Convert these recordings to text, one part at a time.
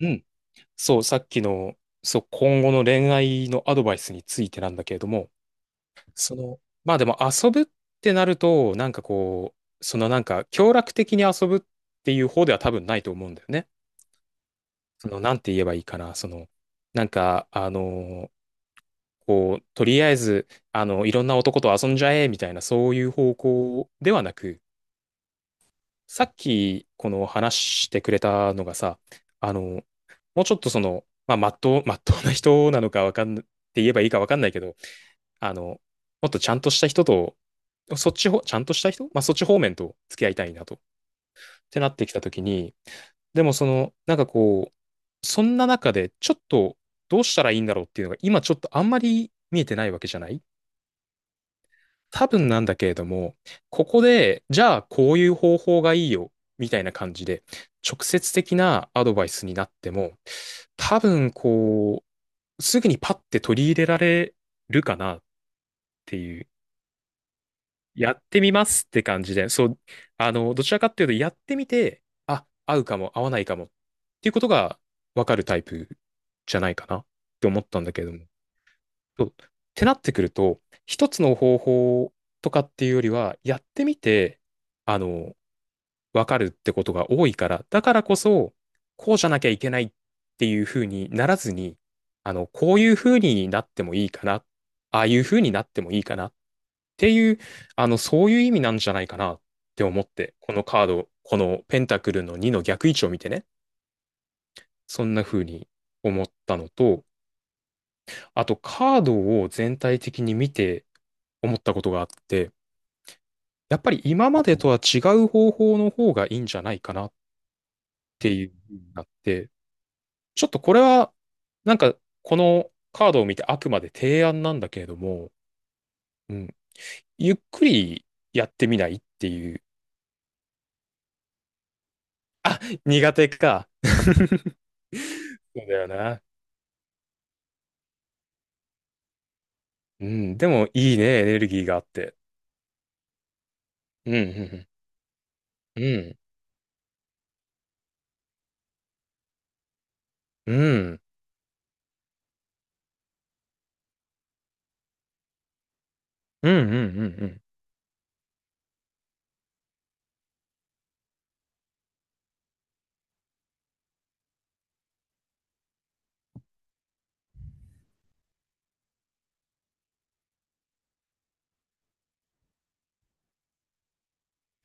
うん。そう、さっきの、そう、今後の恋愛のアドバイスについてなんだけれども、その、まあでも遊ぶってなると、なんかこう、そのなんか、協力的に遊ぶっていう方では多分ないと思うんだよね。その、なんて言えばいいかな、その、なんか、こう、とりあえず、いろんな男と遊んじゃえ、みたいな、そういう方向ではなく、さっき、この話してくれたのがさ、あの、もうちょっとその、まあ、まっとう、まっとうな人なのかわかん、って言えばいいかわかんないけど、もっとちゃんとした人と、そっちほ、ちゃんとした人まあ、そっち方面と付き合いたいなと、ってなってきたときに、でもその、なんかこう、そんな中で、ちょっと、どうしたらいいんだろうっていうのが、今ちょっとあんまり見えてないわけじゃない多分なんだけれども、ここで、じゃあこういう方法がいいよ、みたいな感じで、直接的なアドバイスになっても、多分こう、すぐにパッて取り入れられるかなっていう、やってみますって感じで、そう、どちらかっていうと、やってみて、あ、合うかも、合わないかもっていうことが分かるタイプじゃないかなって思ったんだけれども。そうってなってくると、一つの方法とかっていうよりは、やってみて、あの、わかるってことが多いから、だからこそ、こうじゃなきゃいけないっていうふうにならずに、こういうふうになってもいいかな、ああいうふうになってもいいかなっていう、そういう意味なんじゃないかなって思って、このカード、このペンタクルの2の逆位置を見てね、そんな風に思ったのと、あとカードを全体的に見て、思ったことがあって、やっぱり今までとは違う方法の方がいいんじゃないかなっていうふうになって、ちょっとこれは、なんかこのカードを見てあくまで提案なんだけれども、うん、ゆっくりやってみないっていう。苦手か。そうだよな。うん、でもいいね、エネルギーがあって。うん、うん、うん、うん、うん、うん、うん、うん。うん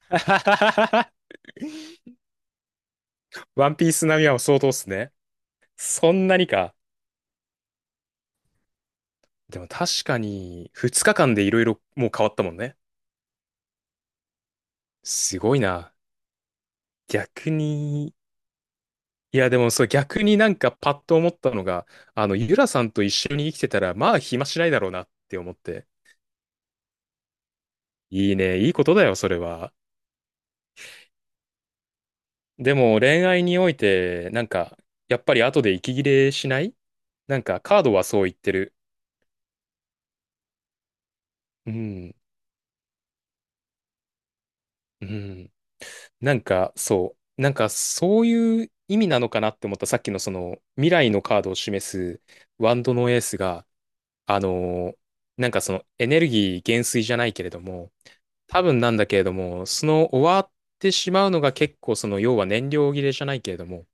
ワンピース並みは相当っすね。そんなにか。でも確かに、2日間でいろいろもう変わったもんね。すごいな。逆に、いやでもそう逆になんかパッと思ったのが、ゆらさんと一緒に生きてたら、まあ暇しないだろうなって思って。いいね、いいことだよ、それは。でも恋愛において、なんか、やっぱり後で息切れしないなんかカードはそう言ってる。うん、うん。なんか、そう。なんか、そういう意味なのかなって思った。さっきのその、未来のカードを示すワンドのエースが、あのーなんかその、エネルギー減衰じゃないけれども、多分なんだけれども、その終わってしまうのが結構その、要は燃料切れじゃないけれども、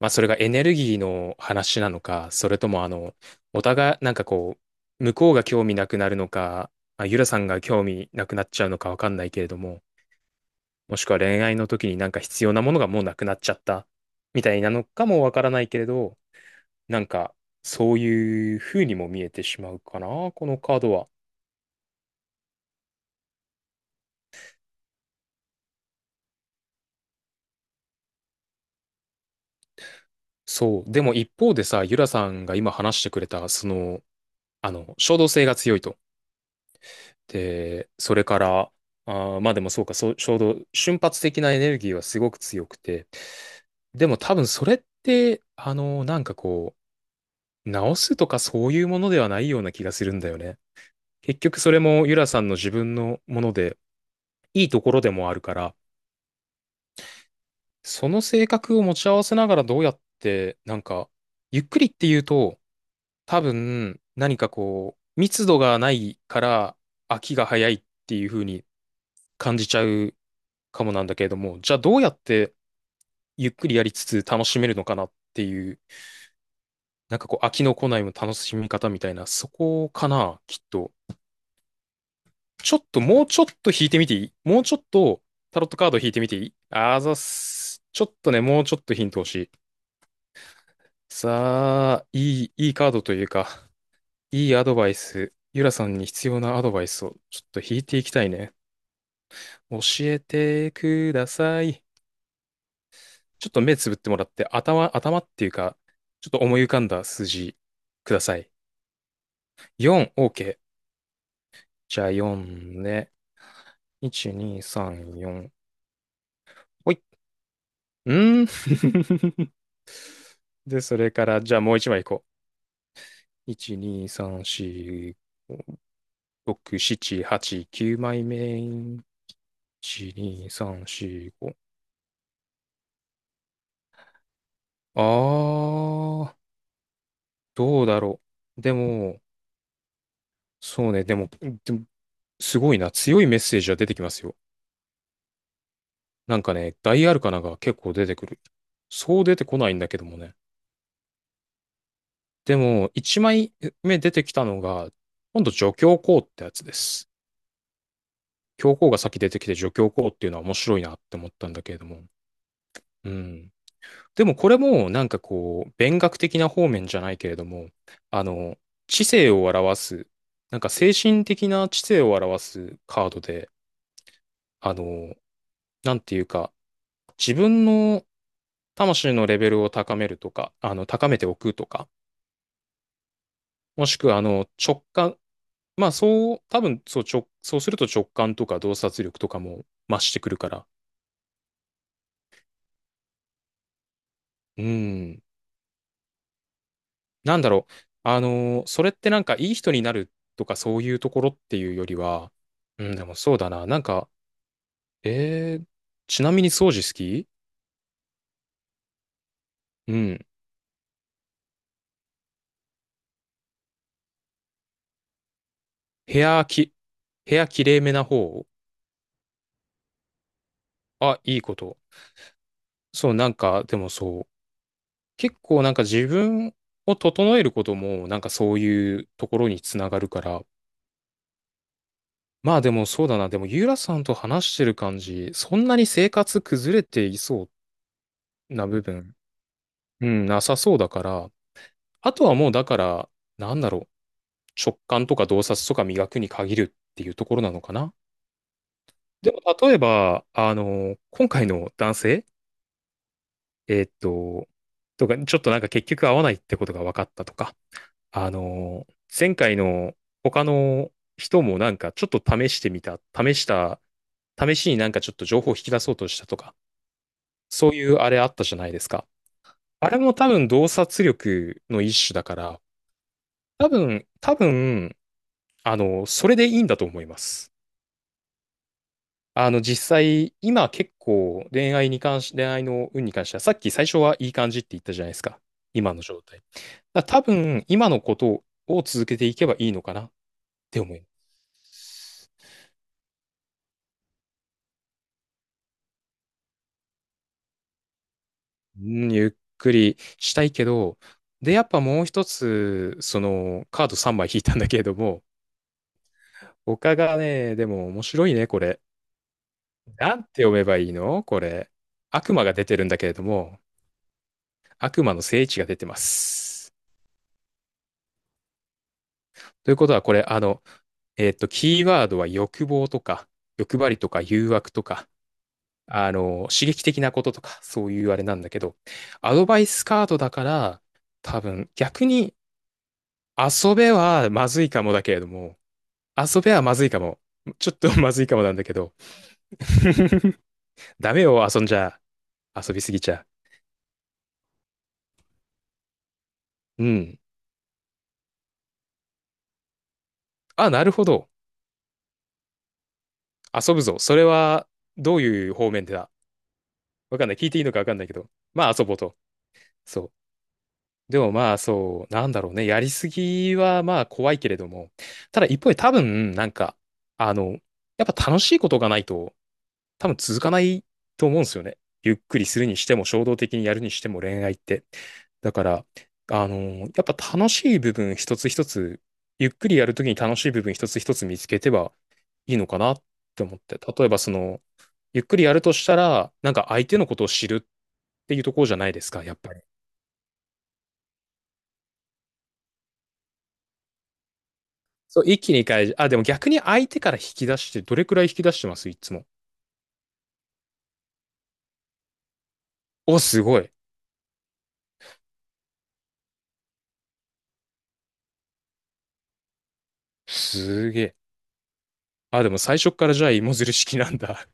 まあそれがエネルギーの話なのか、それともお互い、なんかこう、向こうが興味なくなるのか、まあゆらさんが興味なくなっちゃうのかわかんないけれども、もしくは恋愛の時になんか必要なものがもうなくなっちゃったみたいなのかもわからないけれど、なんかそういう風にも見えてしまうかな、このカードは。そう。でも一方でさ、ゆらさんが今話してくれた、その、衝動性が強いと。で、それから、あーまあでもそうか、そう、衝動、瞬発的なエネルギーはすごく強くて。でも多分それって、なんかこう、直すとかそういうものではないような気がするんだよね。結局それもユラさんの自分のもので、いいところでもあるから、その性格を持ち合わせながらどうやって、なんか、ゆっくりっていうと、多分、何かこう、密度がないから飽きが早いっていう風に感じちゃうかもなんだけれども、じゃあどうやってゆっくりやりつつ楽しめるのかなっていう、なんかこう、飽きの来ないも楽しみ方みたいな、そこかな、きっと。ちょっと、もうちょっと引いてみていい？もうちょっとタロットカード引いてみていい？あざっす。ちょっとね、もうちょっとヒント欲しい。さあ、いい、いいカードというか、いいアドバイス。ゆらさんに必要なアドバイスをちょっと引いていきたいね。教えてください。ちょっと目つぶってもらって、頭、頭っていうか、ちょっと思い浮かんだ数字ください。4、OK。じゃあ4ね。1、2、3、4。ほい。うんー。で、それから、じゃあもう一枚いいこう。1、2、3、4、6、7、8、9枚目。1、2、3、4、5。あー、どうだろう。でも、そうね、でも、でもすごいな。強いメッセージは出てきますよ。なんかね、大アルカナが結構出てくる。そう出てこないんだけどもね。でも、1枚目出てきたのが、今度助教皇ってやつです。教皇が先出てきて助教皇っていうのは面白いなって思ったんだけれども。うん。でもこれもなんかこう、勉学的な方面じゃないけれども、あの、知性を表す、なんか精神的な知性を表すカードで、あの、なんていうか、自分の魂のレベルを高めるとか、高めておくとか、もしくは直感、まあそう、多分そう直、そうすると直感とか洞察力とかも増してくるから、うん、なんだろう。それってなんかいい人になるとかそういうところっていうよりは、うん、でもそうだな。なんか、えー、ちなみに掃除好き？うん。部屋き、部屋きれいめな方？あ、いいこと。そう、なんか、でもそう。結構なんか自分を整えることもなんかそういうところにつながるから。まあでもそうだな。でもユーラさんと話してる感じ、そんなに生活崩れていそうな部分、うん、なさそうだから、あとはもうだから、なんだろう、直感とか洞察とか磨くに限るっていうところなのかな。でも例えば、今回の男性、えーっと、とか、ちょっとなんか結局合わないってことが分かったとか、あの、前回の他の人もなんかちょっと試してみた、試した、試しになんかちょっと情報を引き出そうとしたとか、そういうあれあったじゃないですか。あれも多分洞察力の一種だから、多分、多分、それでいいんだと思います。実際、今結構恋愛に関し、恋愛の運に関しては、さっき最初はいい感じって言ったじゃないですか。今の状態。だから多分、今のことを続けていけばいいのかなって思います。うん、ゆっくりしたいけど、で、やっぱもう一つ、その、カード3枚引いたんだけれども、他がね、でも面白いね、これ。なんて読めばいいのこれ。悪魔が出てるんだけれども、悪魔の聖地が出てます。ということは、これ、えっと、キーワードは欲望とか、欲張りとか、誘惑とか、刺激的なこととか、そういうあれなんだけど、アドバイスカードだから、多分、逆に、遊べはまずいかもだけれども、遊べはまずいかも。ちょっと まずいかもなんだけど、ダメよ、遊んじゃ、遊びすぎちゃ。うん。あ、なるほど。遊ぶぞ。それは、どういう方面でだ？わかんない。聞いていいのかわかんないけど。まあ、遊ぼうと。そう。でもまあそう、なんだろうね。やりすぎはまあ怖いけれども。ただ一方で多分、なんか、あの、やっぱ楽しいことがないと多分続かないと思うんですよね。ゆっくりするにしても衝動的にやるにしても恋愛って。だから、あの、やっぱ楽しい部分一つ一つ、ゆっくりやるときに楽しい部分一つ一つ見つけてはいいのかなって思って。例えばその、ゆっくりやるとしたら、なんか相手のことを知るっていうところじゃないですか、やっぱり。そう、一気に返し、あ、でも逆に相手から引き出して、どれくらい引き出してますいつも。お、すごい。すげえ。あ、でも最初っからじゃあ芋づる式なんだ。